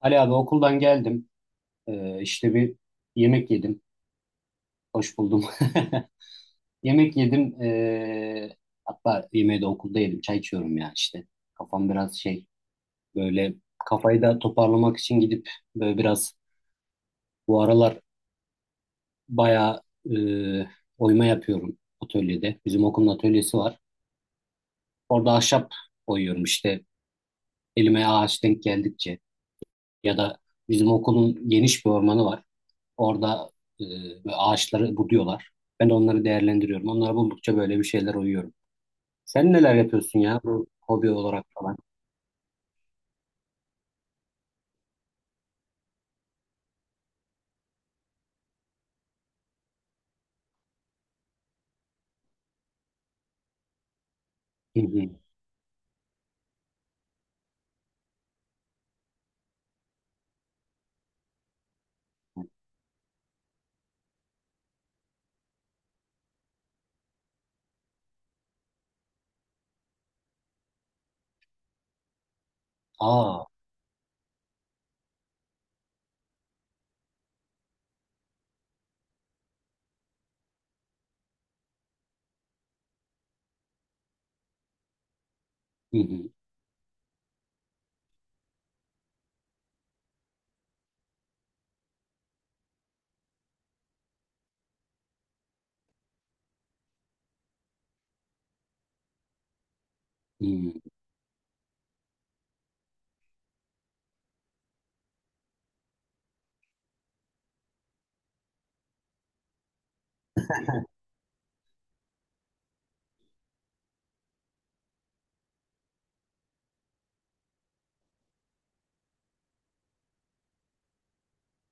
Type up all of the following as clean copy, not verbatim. Ali abi okuldan geldim. İşte bir yemek yedim. Hoş buldum. Yemek yedim. Hatta yemeği de okulda yedim. Çay içiyorum ya işte. Kafam biraz şey böyle kafayı da toparlamak için gidip böyle biraz bu aralar bayağı e, oyma yapıyorum atölyede. Bizim okulun atölyesi var. Orada ahşap oyuyorum işte. Elime ağaç denk geldikçe. Ya da bizim okulun geniş bir ormanı var. Orada e, böyle ağaçları buduyorlar. Ben de onları değerlendiriyorum. Onları buldukça böyle bir şeyler uyuyorum. Sen neler yapıyorsun ya bu hobi olarak falan? Hı hı. Aa. Hı hı. Hı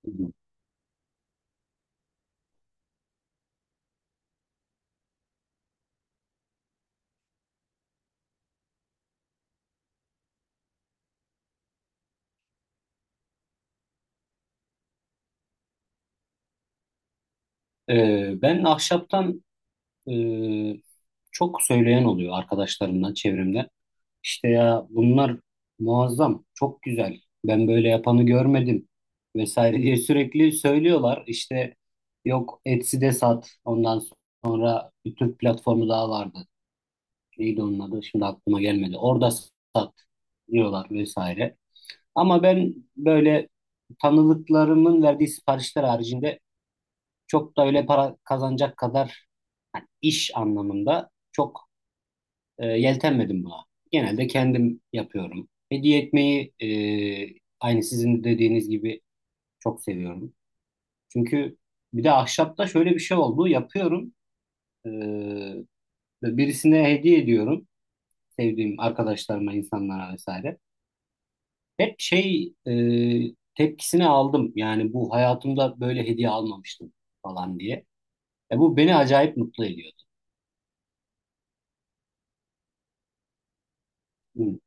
hı. Ben ahşaptan e, çok söyleyen oluyor arkadaşlarımdan çevremde. İşte ya bunlar muazzam, çok güzel. Ben böyle yapanı görmedim vesaire diye sürekli söylüyorlar. İşte yok, Etsy'de sat. Ondan sonra bir Türk platformu daha vardı. Neydi onun adı? Şimdi aklıma gelmedi. Orada sat diyorlar vesaire. Ama ben böyle tanıdıklarımın verdiği siparişler haricinde çok da öyle para kazanacak kadar, yani iş anlamında çok yeltenmedim buna. Genelde kendim yapıyorum. Hediye etmeyi, aynı sizin dediğiniz gibi, çok seviyorum. Çünkü bir de ahşapta şöyle bir şey oldu. Yapıyorum. E, ve birisine hediye ediyorum. Sevdiğim arkadaşlarıma, insanlara vesaire. Hep şey tepkisini aldım. Yani bu hayatımda böyle hediye almamıştım falan diye. Bu beni acayip mutlu ediyordu. Hı,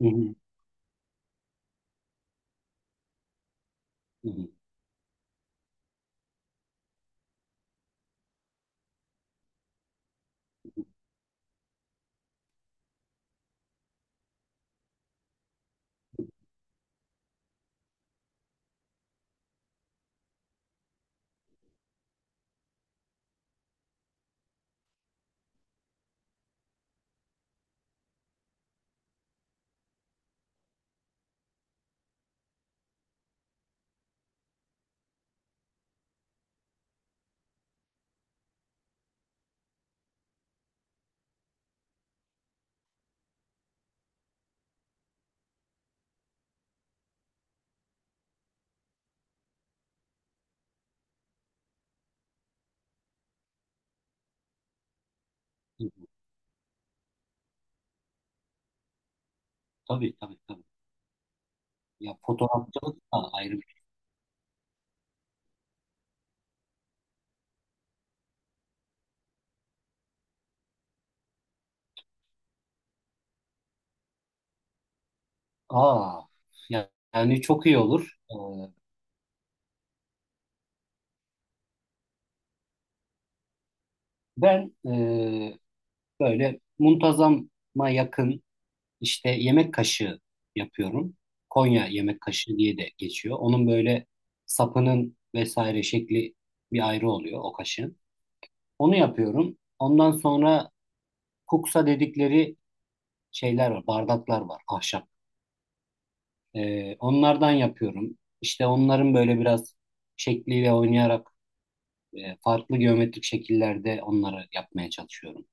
hı, hı, hı, hı. Tabii, tabii, tabii. Ya, fotoğrafçılık da ayrı. Aa, ya- yani çok iyi olur. Ben böyle muntazama yakın, işte, yemek kaşığı yapıyorum. Konya yemek kaşığı diye de geçiyor. Onun böyle sapının vesaire şekli bir ayrı oluyor o kaşığın. Onu yapıyorum. Ondan sonra kuksa dedikleri şeyler var, bardaklar var, ahşap. Onlardan yapıyorum. İşte onların böyle biraz şekliyle oynayarak farklı geometrik şekillerde onları yapmaya çalışıyorum.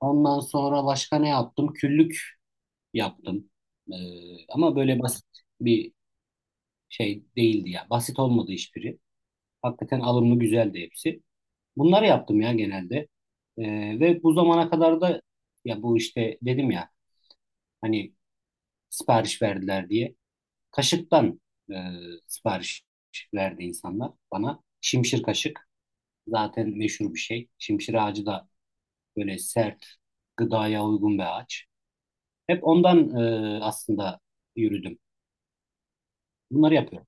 Ondan sonra başka ne yaptım? Küllük yaptım. E, ama böyle basit bir şey değildi ya. Basit olmadı hiçbiri. Hakikaten alımlı güzeldi hepsi. Bunları yaptım ya genelde. E, ve bu zamana kadar da, ya bu, işte dedim ya, hani sipariş verdiler diye. Kaşıktan e, sipariş verdi insanlar bana. Şimşir kaşık zaten meşhur bir şey. Şimşir ağacı da böyle sert, gıdaya uygun bir ağaç. Hep ondan, aslında, yürüdüm. Bunları yapıyorum.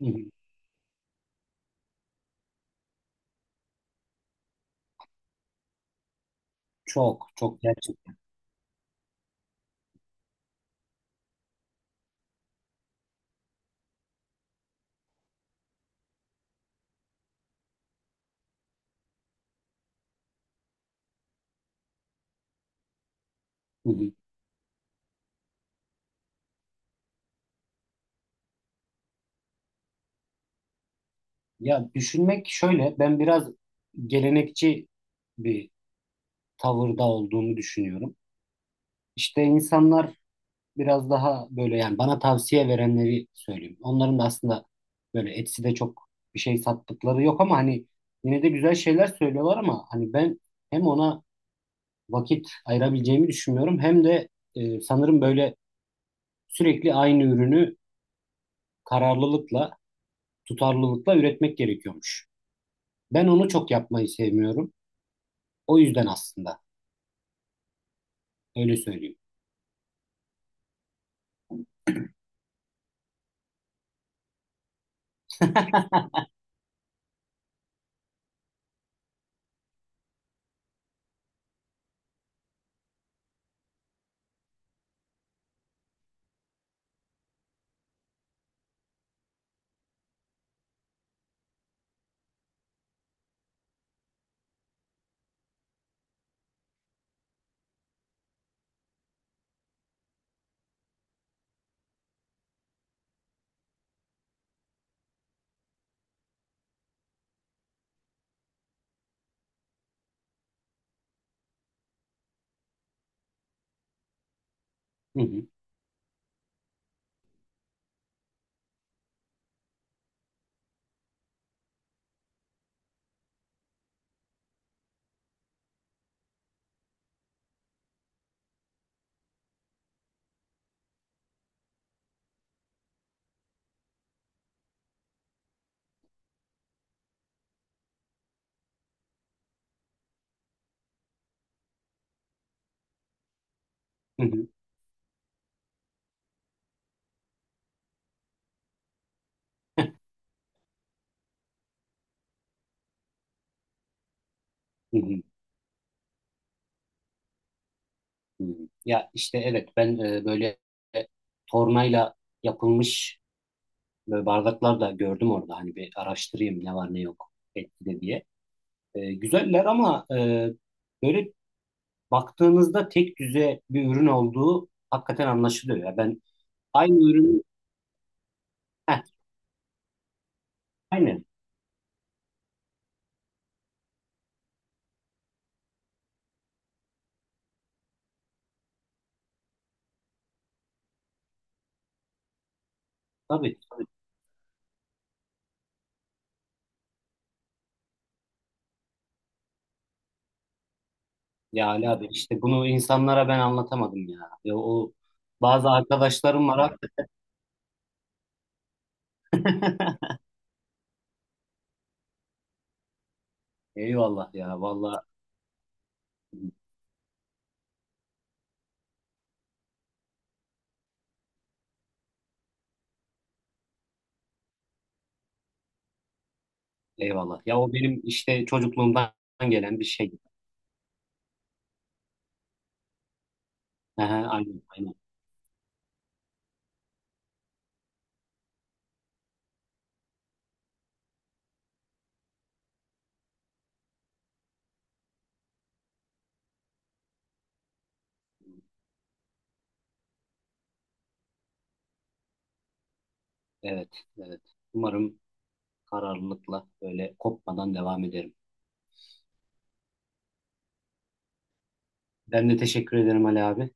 Hı hı. Çok, çok, gerçekten. Hı hı. Ya, düşünmek şöyle: ben biraz gelenekçi bir tavırda olduğumu düşünüyorum. İşte insanlar biraz daha böyle, yani bana tavsiye verenleri söyleyeyim. Onların da aslında böyle Etsy'de çok bir şey sattıkları yok ama hani yine de güzel şeyler söylüyorlar, ama hani ben hem ona vakit ayırabileceğimi düşünmüyorum. Hem de sanırım böyle sürekli aynı ürünü kararlılıkla, tutarlılıkla üretmek gerekiyormuş. Ben onu çok yapmayı sevmiyorum. O yüzden aslında öyle söyleyeyim. Hı hı, hı hı, hı hı, hı hı. Ya işte, evet, ben böyle, e, tornayla yapılmış böyle bardaklar da gördüm orada. Hani bir araştırayım ne var ne yok etkide diye. Güzeller ama böyle baktığınızda tek düze bir ürün olduğu hakikaten anlaşılıyor. Ya ben aynı ürünü, heh, aynı, tabii, tabii. Ya Ali abi, işte bunu insanlara ben anlatamadım ya. Ya o bazı arkadaşlarım var. Eyvallah ya, vallahi eyvallah. Ya o benim işte çocukluğumdan gelen bir şey. Aha, aynen, aynen. Evet, evet. Umarım kararlılıkla böyle kopmadan devam ederim. Ben de teşekkür ederim Ali abi.